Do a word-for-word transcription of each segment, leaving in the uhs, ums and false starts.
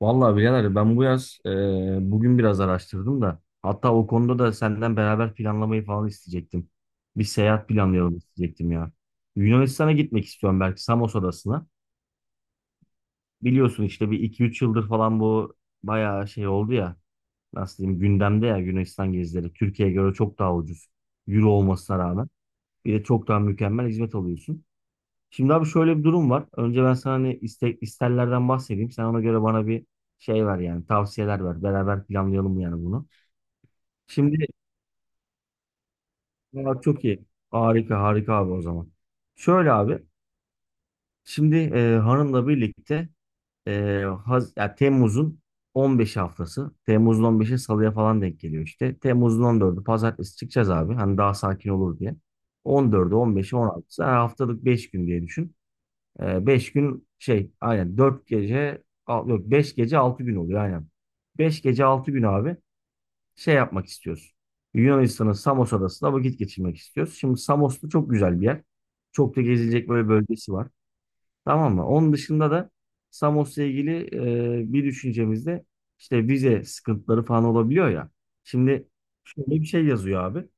Vallahi birader ben bu yaz e, bugün biraz araştırdım da hatta o konuda da senden beraber planlamayı falan isteyecektim. Bir seyahat planlayalım isteyecektim ya. Yunanistan'a gitmek istiyorum, belki Samos Adası'na. Biliyorsun işte bir iki üç yıldır falan bu bayağı şey oldu ya. Nasıl diyeyim, gündemde ya Yunanistan gezileri. Türkiye'ye göre çok daha ucuz. Euro olmasına rağmen. Bir de çok daha mükemmel hizmet alıyorsun. Şimdi abi şöyle bir durum var. Önce ben sana hani istek, isterlerden bahsedeyim. Sen ona göre bana bir şey ver, yani tavsiyeler ver. Beraber planlayalım yani bunu. Şimdi. Aa, çok iyi. Harika, harika abi o zaman. Şöyle abi. Şimdi e, hanımla birlikte e, Haz- ya Temmuz'un on beş haftası. Temmuz'un on beşi Salı'ya falan denk geliyor işte. Temmuz'un on dördü Pazartesi çıkacağız abi. Hani daha sakin olur diye. on dördü, on beşi, on altısı. Her haftalık beş gün diye düşün. Ee, Beş gün şey, aynen dört gece al- yok, beş gece altı gün oluyor, aynen. Beş gece altı gün abi şey yapmak istiyoruz. Yunanistan'ın Samos adasında vakit geçirmek istiyoruz. Şimdi Samos'ta çok güzel bir yer. Çok da gezilecek böyle bölgesi var. Tamam mı? Onun dışında da Samos'la ilgili e, bir düşüncemizde işte vize sıkıntıları falan olabiliyor ya. Şimdi şöyle bir şey yazıyor abi.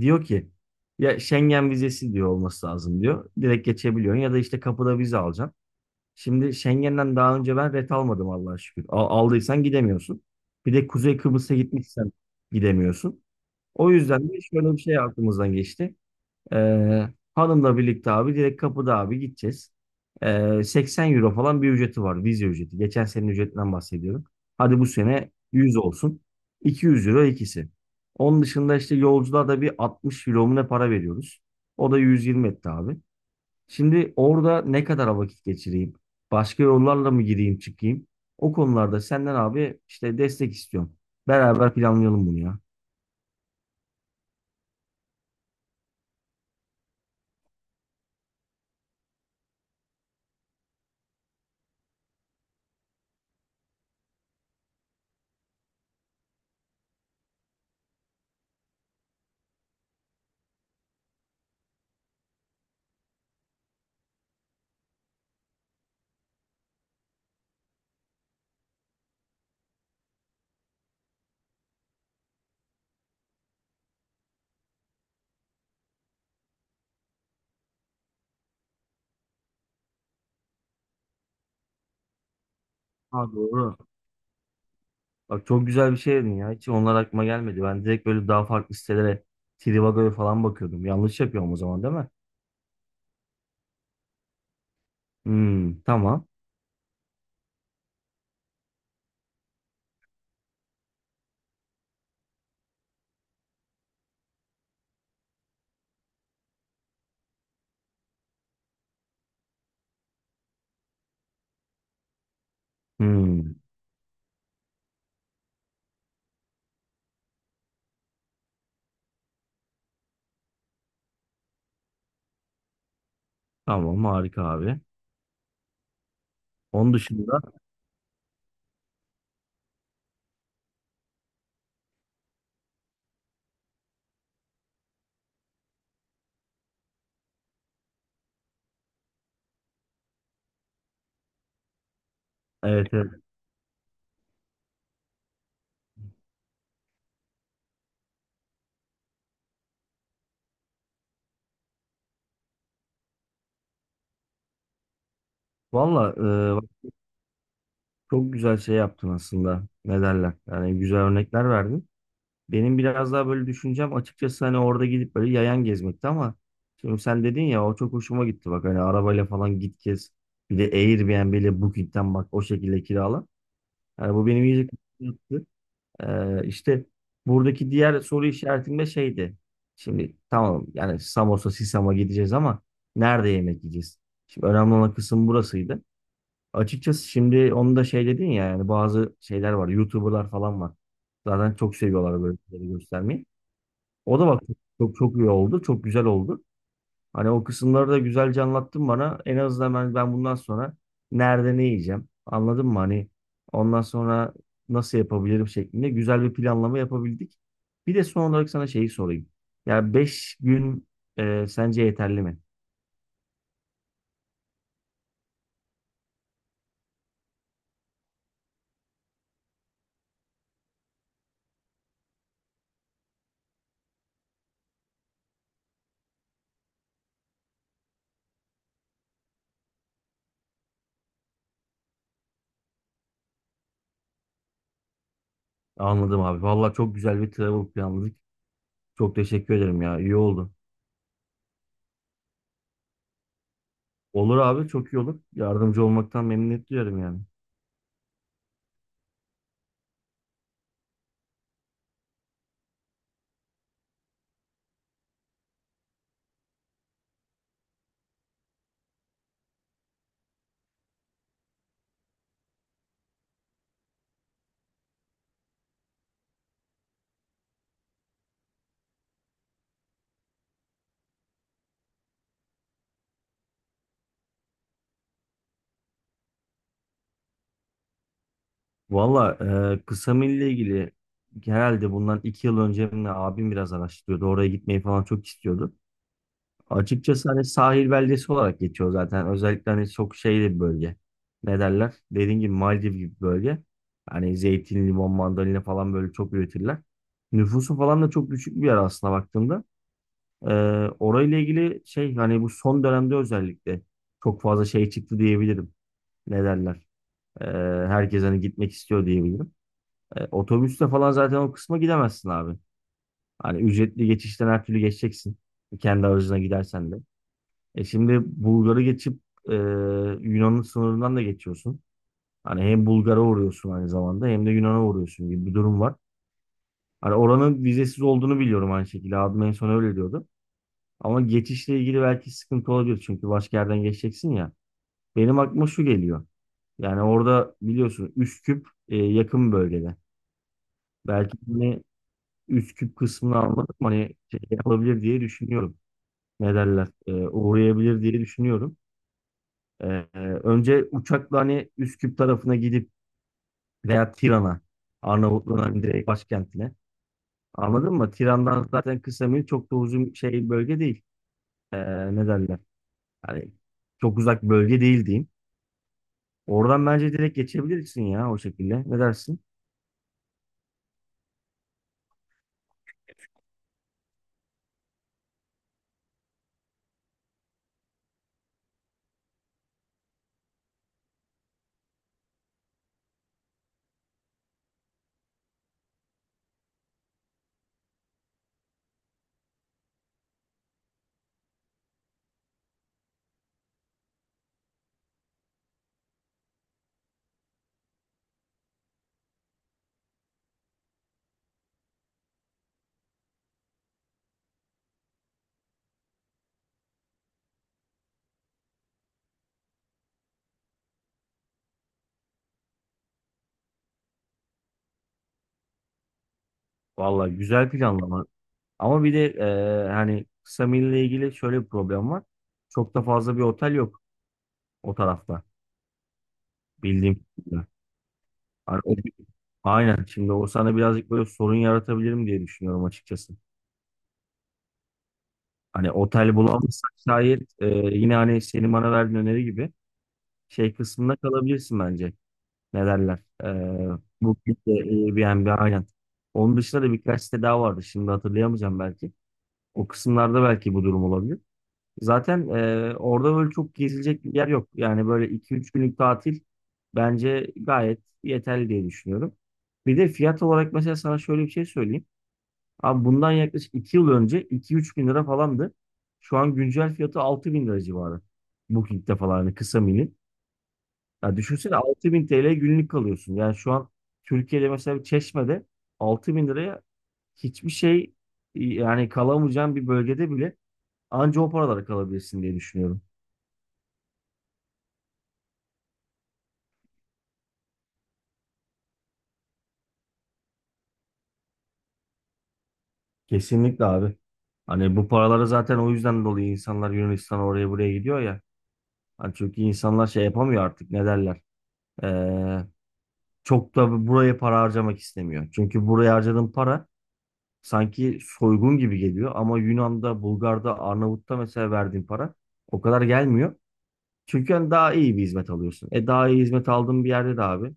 Diyor ki ya Schengen vizesi diyor, olması lazım diyor. Direkt geçebiliyorsun ya da işte kapıda vize alacaksın. Şimdi Schengen'den daha önce ben ret almadım, Allah'a şükür. Al- aldıysan gidemiyorsun. Bir de Kuzey Kıbrıs'a gitmişsen gidemiyorsun. O yüzden de şöyle bir şey aklımızdan geçti. Ee, Hanımla birlikte abi direkt kapıda abi gideceğiz. Ee, seksen euro falan bir ücreti var. Vize ücreti. Geçen senenin ücretinden bahsediyorum. Hadi bu sene yüz olsun. iki yüz euro ikisi. Onun dışında işte yolculuğa da bir altmış euro mu ne para veriyoruz. O da yüz yirmi etti abi. Şimdi orada ne kadar vakit geçireyim? Başka yollarla mı gireyim, çıkayım? O konularda senden abi işte destek istiyorum. Beraber planlayalım bunu ya. Ha, doğru. Bak, çok güzel bir şey dedin ya. Hiç onlar aklıma gelmedi. Ben direkt böyle daha farklı sitelere, Trivago'ya falan bakıyordum. Yanlış yapıyorum o zaman, değil mi? Hmm, tamam. Hmm, tamam, harika abi. Onun dışında evet, evet. Valla e, bak, çok güzel şey yaptın aslında. Ne derler? Yani güzel örnekler verdin. Benim biraz daha böyle düşüncem açıkçası, hani orada gidip böyle yayan gezmekti, ama şimdi sen dedin ya, o çok hoşuma gitti bak, hani arabayla falan git gez, bir de Airbnb ile Booking'den bak o şekilde kirala. Yani bu benim iyice yaptı. Ee, işte buradaki diğer soru işaretim de şeydi. Şimdi tamam, yani Samos'a, Sisam'a gideceğiz ama nerede yemek yiyeceğiz? Şimdi önemli olan kısım burasıydı. Açıkçası şimdi onu da şey dedin ya, yani bazı şeyler var, YouTuber'lar falan var. Zaten çok seviyorlar böyle şeyleri göstermeyi. O da bak çok, çok çok iyi oldu. Çok güzel oldu. Hani o kısımları da güzelce anlattın bana. En azından ben, ben bundan sonra nerede ne yiyeceğim? Anladın mı? Hani ondan sonra nasıl yapabilirim şeklinde güzel bir planlama yapabildik. Bir de son olarak sana şeyi sorayım. Ya beş gün e, sence yeterli mi? Anladım abi. Vallahi çok güzel bir travel planladık. Çok teşekkür ederim ya. İyi oldu. Olur abi, çok iyi olur. Yardımcı olmaktan memnuniyet duyarım yani. Valla e, kısa milli ilgili herhalde bundan iki yıl önce mi ne, abim biraz araştırıyordu. Oraya gitmeyi falan çok istiyordu. Açıkçası hani sahil beldesi olarak geçiyor zaten. Özellikle hani çok şeyli bir bölge. Ne derler? Dediğim gibi Maldiv gibi bir bölge. Hani zeytin, limon, mandalina falan böyle çok üretirler. Nüfusu falan da çok düşük bir yer aslında, baktığımda. E, Orayla ilgili şey, hani bu son dönemde özellikle çok fazla şey çıktı diyebilirim. Ne derler? E, Herkes hani gitmek istiyor diyebilirim. E, otobüste falan zaten o kısma gidemezsin abi. Hani ücretli geçişten her türlü geçeceksin. Kendi aracına gidersen de. E şimdi Bulgar'ı geçip e, Yunan'ın sınırından da geçiyorsun. Hani hem Bulgar'a uğruyorsun aynı zamanda, hem de Yunan'a uğruyorsun gibi bir durum var. Hani oranın vizesiz olduğunu biliyorum aynı şekilde. Abim en son öyle diyordu. Ama geçişle ilgili belki sıkıntı olabilir. Çünkü başka yerden geçeceksin ya. Benim aklıma şu geliyor. Yani orada biliyorsun Üsküp e, yakın bölgede. Belki hani üst küp kısmını almadık mı? Hani şey alabilir diye düşünüyorum. Ne derler? Ee, uğrayabilir diye düşünüyorum. Ee, e, Önce uçakla hani Üsküp tarafına gidip veya Tiran'a, Arnavutluğun hani direkt başkentine. Anladın mı? Tiran'dan zaten kısa, çok da uzun şey bölge değil. Ee, ne derler? Hani çok uzak bölge değil diyeyim. Oradan bence direkt geçebilirsin ya o şekilde. Ne dersin? Vallahi güzel planlama. Ama bir de e, hani kısa mille ilgili şöyle bir problem var. Çok da fazla bir otel yok o tarafta, bildiğim kadarıyla. Hani o- aynen. Şimdi o sana birazcık böyle sorun yaratabilirim diye düşünüyorum açıkçası. Hani otel bulamazsak şayet, e, yine hani senin bana verdiğin öneri gibi şey kısmında kalabilirsin bence. Ne derler? E, Booking'de, Airbnb aynen. Onun dışında da birkaç site daha vardı. Şimdi hatırlayamayacağım belki. O kısımlarda belki bu durum olabilir. Zaten e, orada böyle çok gezilecek bir yer yok. Yani böyle iki üç günlük tatil bence gayet yeterli diye düşünüyorum. Bir de fiyat olarak mesela sana şöyle bir şey söyleyeyim. Abi bundan yaklaşık iki yıl önce iki üç bin lira falandı. Şu an güncel fiyatı altı bin lira civarı. Booking'de falan hani kısa milin. Ya düşünsene altı bin T L günlük kalıyorsun. Yani şu an Türkiye'de mesela bir Çeşme'de altı bin liraya hiçbir şey, yani kalamayacağın bir bölgede bile anca o paralara kalabilirsin diye düşünüyorum. Kesinlikle abi. Hani bu paraları zaten o yüzden dolayı insanlar Yunanistan'a, oraya buraya gidiyor ya. Hani çünkü insanlar şey yapamıyor artık, ne derler. Ee, Çok da buraya para harcamak istemiyor. Çünkü buraya harcadığın para sanki soygun gibi geliyor. Ama Yunan'da, Bulgar'da, Arnavut'ta mesela verdiğin para o kadar gelmiyor. Çünkü hani daha iyi bir hizmet alıyorsun. E daha iyi hizmet aldığın bir yerde de abi.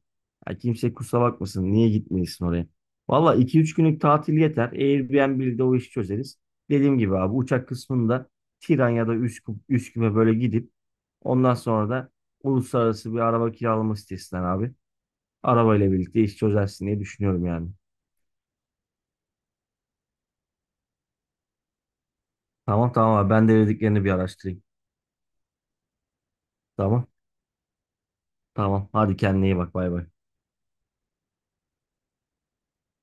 Ya kimse kusura bakmasın. Niye gitmeyesin oraya? Valla iki üç günlük tatil yeter. Airbnb'de o işi çözeriz. Dediğim gibi abi uçak kısmında Tiran ya da Üsküp, Üsküp'e böyle gidip ondan sonra da uluslararası bir araba kiralama sitesinden abi. Arabayla birlikte iş çözersin diye düşünüyorum yani. Tamam, tamam abi ben de dediklerini bir araştırayım. Tamam, tamam hadi kendine iyi bak, bay bay.